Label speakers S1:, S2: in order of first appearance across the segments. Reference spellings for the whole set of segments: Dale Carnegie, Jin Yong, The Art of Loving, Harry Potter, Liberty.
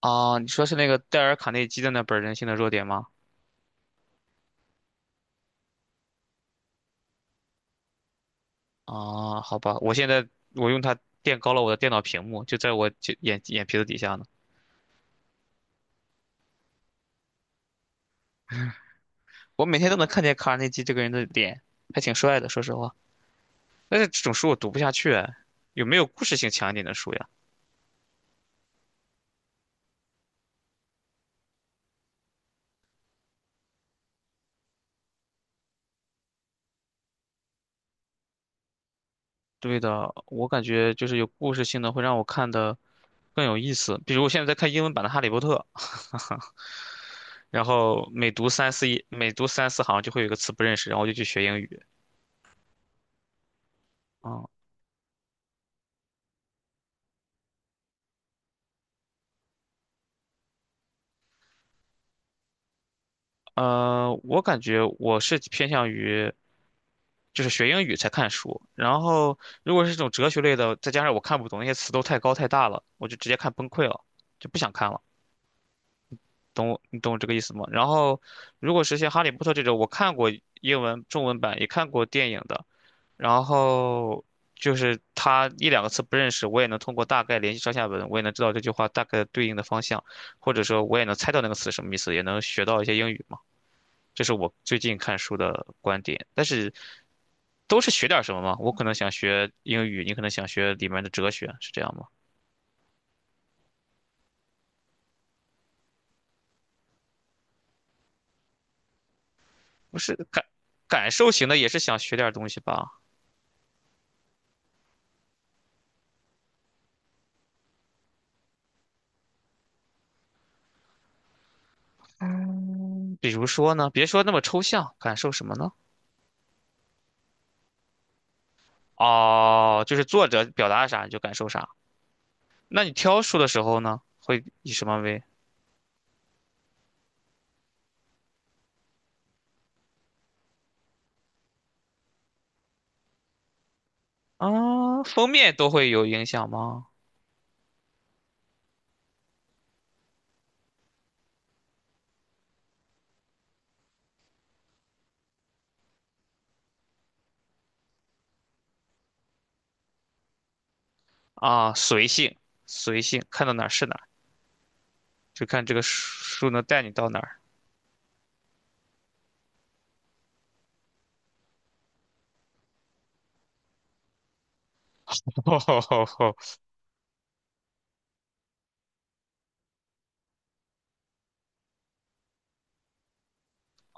S1: 啊，你说是那个戴尔卡内基的那本《人性的弱点》吗？啊，好吧，我现在用它垫高了我的电脑屏幕，就在我眼皮子底下呢。我每天都能看见卡尔内基这个人的脸，还挺帅的，说实话。但是这种书我读不下去哎，有没有故事性强一点的书呀？对的，我感觉就是有故事性的会让我看的更有意思。比如我现在在看英文版的《哈利波特》，然后每读三四行就会有一个词不认识，然后我就去学英语。啊。我感觉我是偏向于就是学英语才看书。然后如果是这种哲学类的，再加上我看不懂那些词都太高太大了，我就直接看崩溃了，就不想看了。懂我，你懂我这个意思吗？然后如果是像《哈利波特》这种，我看过英文、中文版，也看过电影的，然后就是他一两个词不认识，我也能通过大概联系上下文，我也能知道这句话大概对应的方向，或者说我也能猜到那个词什么意思，也能学到一些英语嘛。这是我最近看书的观点。但是都是学点儿什么吗？我可能想学英语，你可能想学里面的哲学，是这样吗？不是感感受型的，也是想学点儿东西吧。比如说呢，别说那么抽象，感受什么呢？哦，就是作者表达啥你就感受啥。那你挑书的时候呢，会以什么为？啊，封面都会有影响吗？啊，随性，看到哪儿是哪儿，就看这个书能带你到哪儿。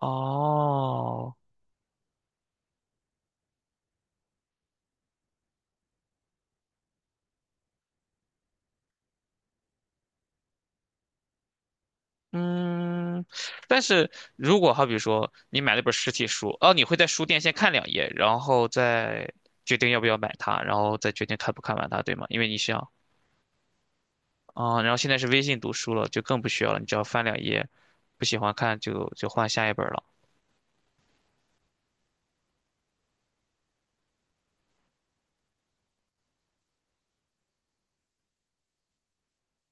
S1: 哦，嗯，但是如果好比说你买了本实体书，哦，你会在书店先看两页，然后再决定要不要买它，然后再决定看不看完它，对吗？因为你想啊。然后现在是微信读书了，就更不需要了，你只要翻两页，不喜欢看就换下一本了。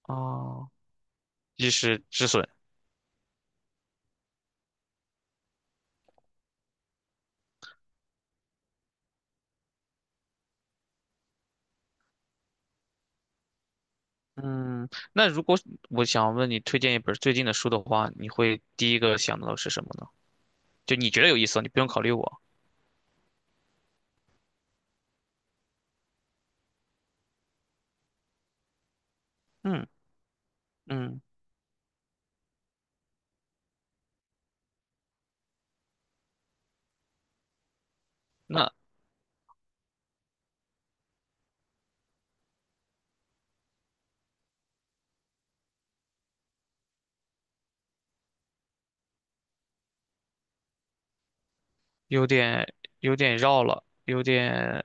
S1: 哦，及时止损。嗯，那如果我想问你推荐一本最近的书的话，你会第一个想到的是什么呢？就你觉得有意思，你不用考虑我。嗯嗯，那有点绕了，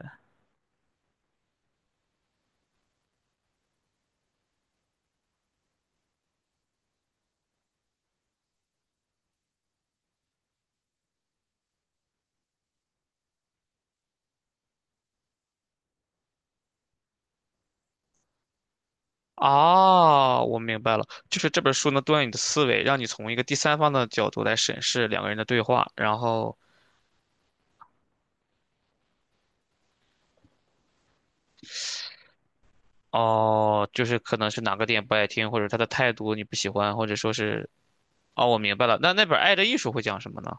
S1: 啊，我明白了，就是这本书能锻炼你的思维，让你从一个第三方的角度来审视两个人的对话。然后哦，就是可能是哪个点不爱听，或者他的态度你不喜欢，或者说是哦，我明白了。那那本《爱的艺术》会讲什么呢？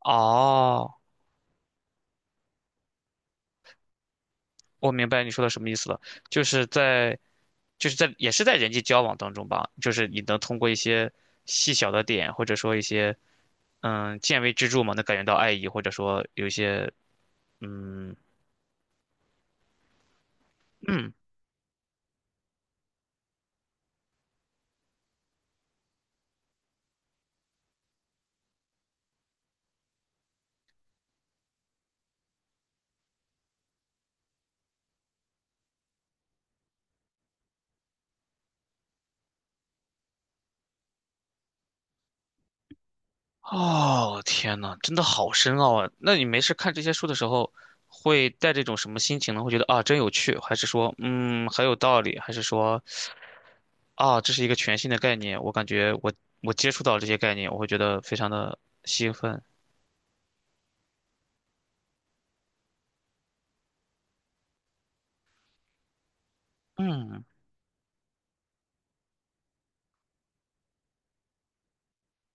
S1: 哦，我明白你说的什么意思了，就是在。就是在也是在人际交往当中吧，就是你能通过一些细小的点，或者说一些见微知著嘛，能感觉到爱意，或者说有一些嗯嗯，哦天呐，真的好深奥啊！那你没事看这些书的时候，会带这种什么心情呢？会觉得啊真有趣，还是说嗯很有道理，还是说啊这是一个全新的概念？我感觉我接触到这些概念，我会觉得非常的兴奋。嗯。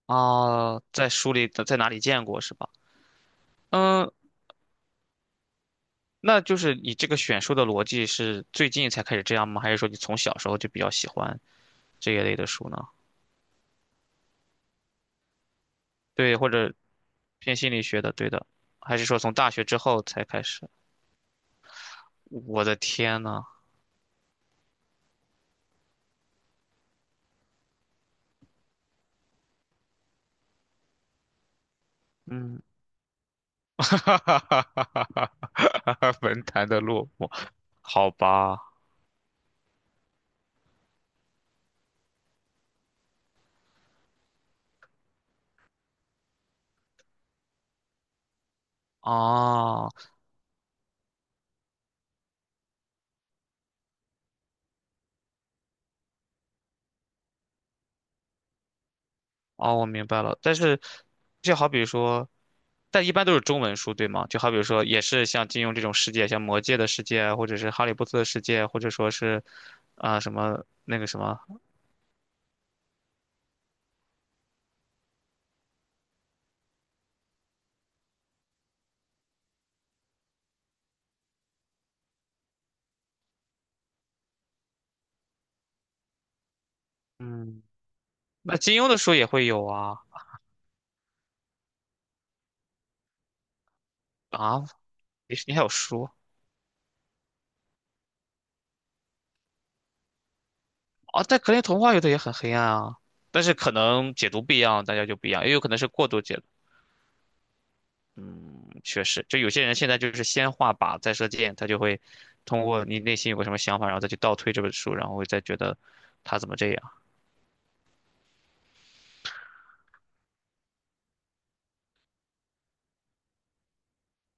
S1: 啊，在书里的在哪里见过是吧？嗯，那就是你这个选书的逻辑是最近才开始这样吗？还是说你从小时候就比较喜欢这一类的书呢？对，或者偏心理学的，对的，还是说从大学之后才开始？我的天呐，嗯，哈哈哈哈哈哈文坛的落寞，好吧，啊。哦，我明白了。但是，就好比说，但一般都是中文书，对吗？就好比说，也是像金庸这种世界，像魔界的世界，或者是哈利波特的世界，或者说是啊、什么那个什么，嗯，那金庸的书也会有啊。啊，你还有书啊？但格林童话有的也很黑暗啊，但是可能解读不一样，大家就不一样，也有可能是过度解读。嗯，确实，就有些人现在就是先画靶再射箭，他就会通过你内心有个什么想法，然后再去倒推这本书，然后再觉得他怎么这样。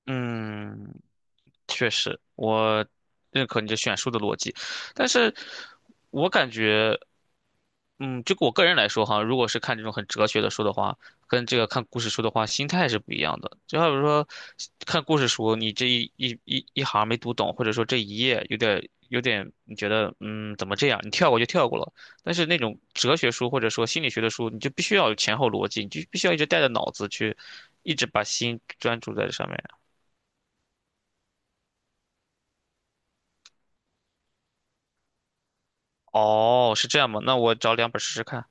S1: 嗯，确实，我认可你这选书的逻辑。但是我感觉。嗯，就我个人来说哈，如果是看这种很哲学的书的话，跟这个看故事书的话，心态是不一样的。就好比说，看故事书，你这一行没读懂，或者说这一页有点，你觉得嗯怎么这样，你跳过就跳过了。但是那种哲学书或者说心理学的书，你就必须要有前后逻辑，你就必须要一直带着脑子去，一直把心专注在这上面。哦，是这样吗？那我找两本试试看。